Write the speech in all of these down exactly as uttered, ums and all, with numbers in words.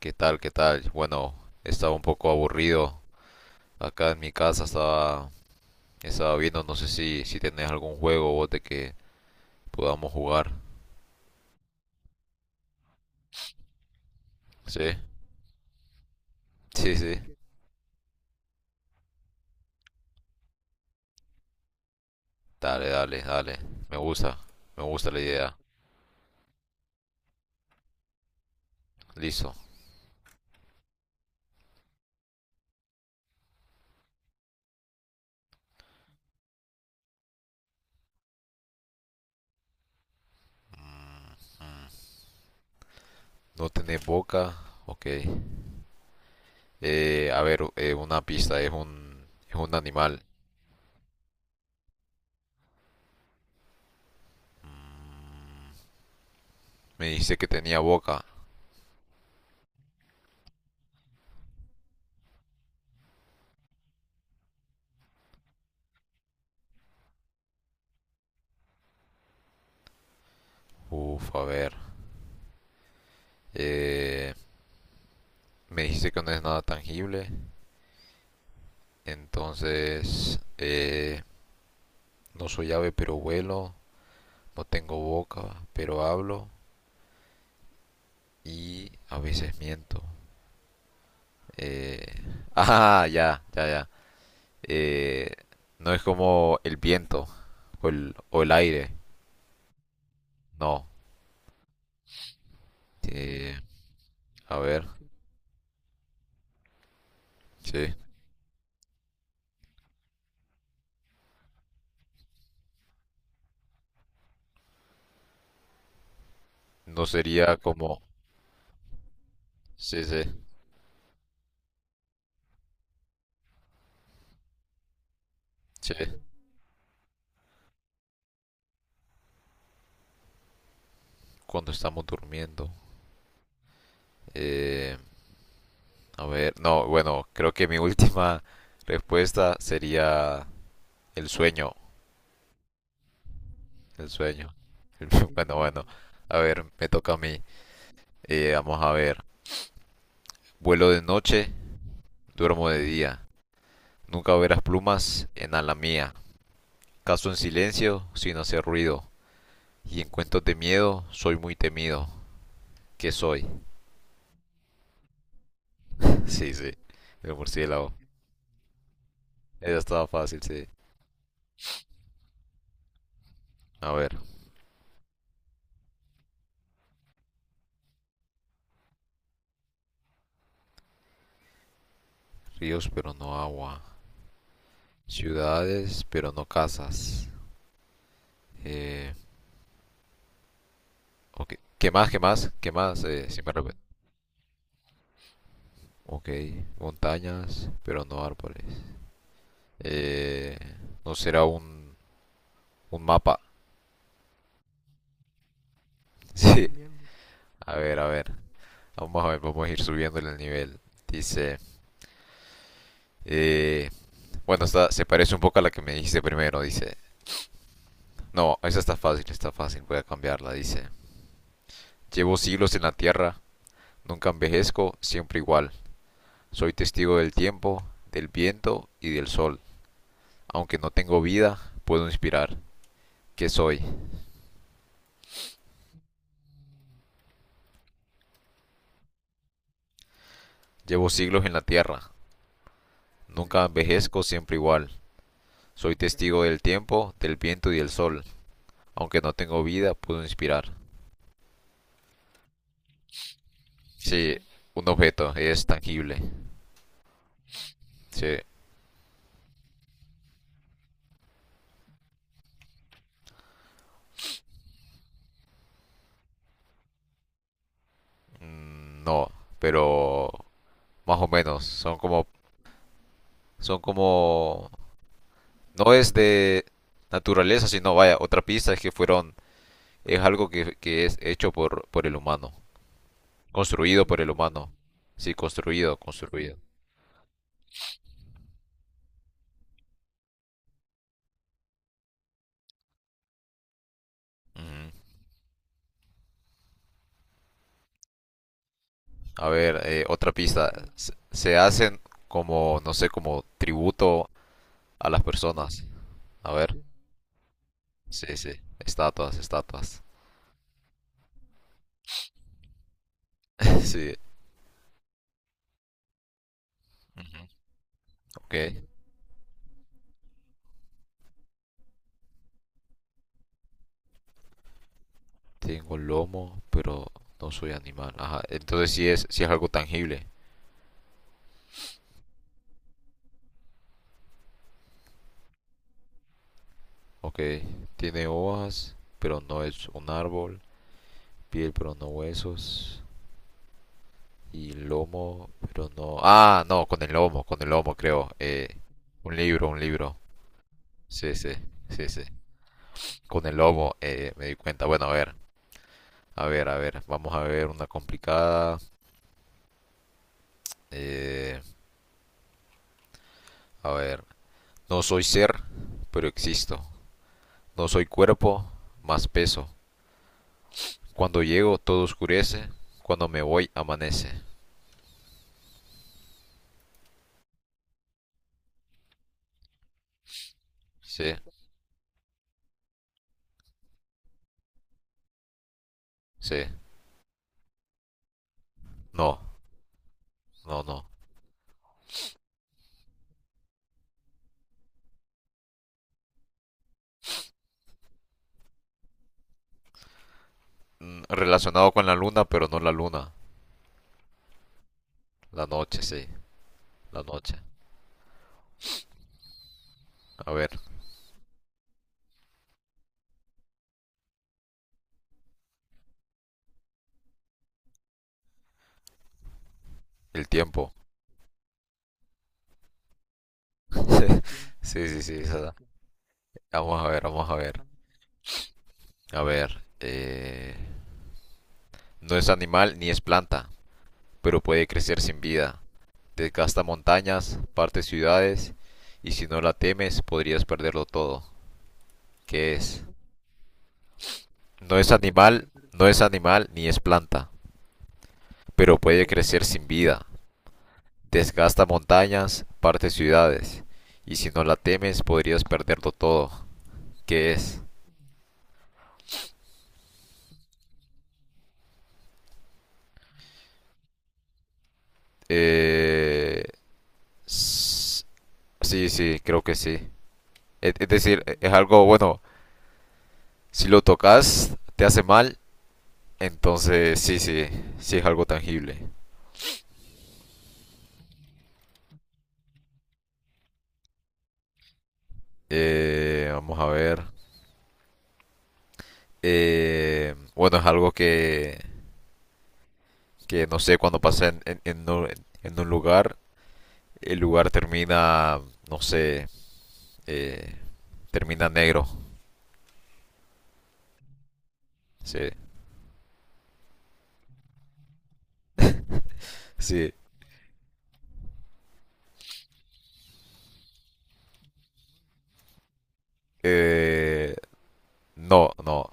¿Qué tal? ¿Qué tal? Bueno, estaba un poco aburrido. Acá en mi casa estaba, estaba viendo, no sé si, si tenés algún juego vos de que podamos jugar. ¿Sí? Sí, sí. Dale, dale, dale. Me gusta, me gusta la idea. Listo. No tenés boca. Ok. Eh, a ver, eh, una pista. Es un, es un animal. Me dijiste que tenía boca. Uf, a ver. Eh, me dijiste que no es nada tangible. Entonces, eh, no soy ave pero vuelo, no tengo boca pero hablo y a veces miento. Eh, Ah, ya, ya, ya. Eh, no es como el viento o el, o el aire, no. Eh, a ver, sí. No sería como, sí, sí, sí, cuando estamos durmiendo. Eh, a ver, no, bueno, creo que mi última respuesta sería el sueño. El sueño. Bueno, bueno. A ver, me toca a mí. Eh, vamos a ver. Vuelo de noche, duermo de día. Nunca verás plumas en ala mía. Caso en silencio, sin hacer ruido. Y en cuentos de miedo, soy muy temido. ¿Qué soy? Sí, sí. El murciélago. Esa estaba fácil, sí. A ver. Ríos, pero no agua. Ciudades, pero no casas. Eh, ok. ¿Qué más? ¿Qué más? ¿Qué más? Eh, si me repet- Ok. Montañas, pero no árboles. Eh, no será un, un mapa. Sí. A ver, a ver. Vamos a ver, vamos a ir subiéndole el nivel. Dice. eh, bueno, esta se parece un poco a la que me dijiste primero. Dice. No, esa está fácil, está fácil. Voy a cambiarla. Dice. Llevo siglos en la tierra. Nunca envejezco, siempre igual. Soy testigo del tiempo, del viento y del sol. Aunque no tengo vida, puedo inspirar. ¿Qué soy? Llevo siglos en la tierra. Nunca envejezco, siempre igual. Soy testigo del tiempo, del viento y del sol. Aunque no tengo vida, puedo inspirar. Sí, un objeto es tangible. Sí, mm, no, pero más o menos son como son como no es de naturaleza, sino vaya, otra pista es que fueron es algo que, que es hecho por por el humano, construido por el humano. Sí, construido, construido. Ujú. A ver, eh, otra pista. Se, se hacen como, no sé, como tributo a las personas. A ver, sí, sí, estatuas, estatuas. Sí, ujú, ok. Tengo lomo, pero no soy animal. Ajá, entonces sí es, sí es algo tangible. Ok, tiene hojas, pero no es un árbol. Piel, pero no huesos. Y lomo, pero no. Ah, no, con el lomo, con el lomo creo. Eh, un libro, un libro. Sí, sí, sí, sí. Con el lomo, eh, me di cuenta. Bueno, a ver, a ver, a ver. Vamos a ver una complicada. Eh, a ver. No soy ser, pero existo. No soy cuerpo, más peso. Cuando llego todo oscurece, cuando me voy amanece. Sí, sí. No, no, no. Mm, relacionado con la luna, pero no la luna. La noche, sí. La noche. A ver, el tiempo. Sí, sí, sí. esa Vamos a ver, vamos a ver. A ver. eh, No es animal ni es planta, pero puede crecer sin vida. Desgasta montañas, parte ciudades, y si no la temes podrías perderlo todo. ¿Qué es? No es animal, no es animal ni es planta, pero puede crecer sin vida. Desgasta montañas, parte ciudades, y si no la temes podrías perderlo todo. ¿Qué es? Eh... Sí, sí, creo que sí. Es decir, es algo bueno. Si lo tocas, te hace mal. Entonces, sí, sí, sí es algo tangible. Eh, vamos a ver. Eh, bueno, es algo que, que no sé, cuando pasa en, en- en un, en un lugar, el lugar termina, no sé, eh, termina negro. Sí, sí. Eh, no, no.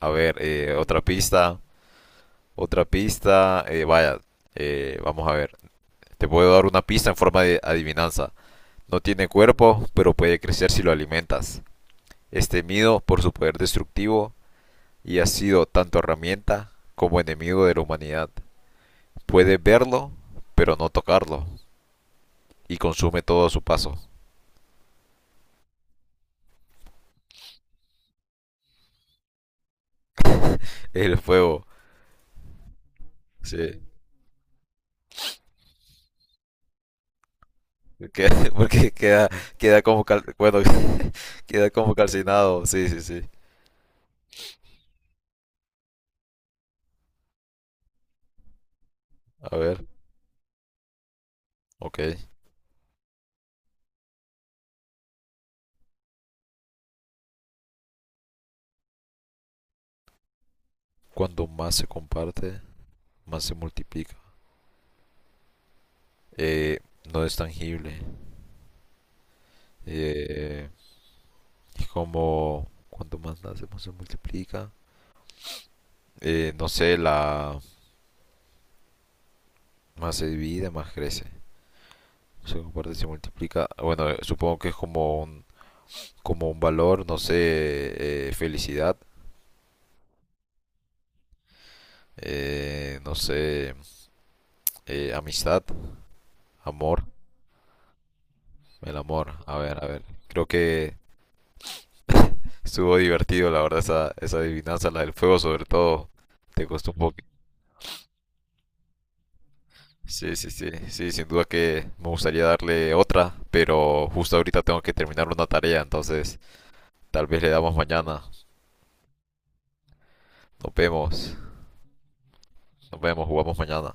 A ver, eh, otra pista, otra pista. eh, vaya, eh, vamos a ver. Te puedo dar una pista en forma de adivinanza. No tiene cuerpo, pero puede crecer si lo alimentas. Es temido por su poder destructivo y ha sido tanto herramienta como enemigo de la humanidad. Puede verlo, pero no tocarlo, y consume todo a su paso. El fuego, sí. Queda- porque queda, queda como cal- bueno, queda como calcinado, sí, sí, sí. A ver, ok. Cuando más se comparte, más se multiplica. Eh, no es tangible. Eh, como cuando más nace, más se multiplica. Eh, no sé, la más se divide, más crece. Se comparte, se multiplica. Bueno, eh, supongo que es como un, como un valor, no sé, eh, felicidad, eh, no sé, eh, amistad, amor, el amor. A ver, a ver. Creo que estuvo divertido, la verdad, esa, esa adivinanza, la del fuego sobre todo. Te costó un poco. Sí, sí, sí, sí, sin duda que me gustaría darle otra, pero justo ahorita tengo que terminar una tarea, entonces tal vez le damos mañana. Nos vemos, nos vemos, jugamos mañana.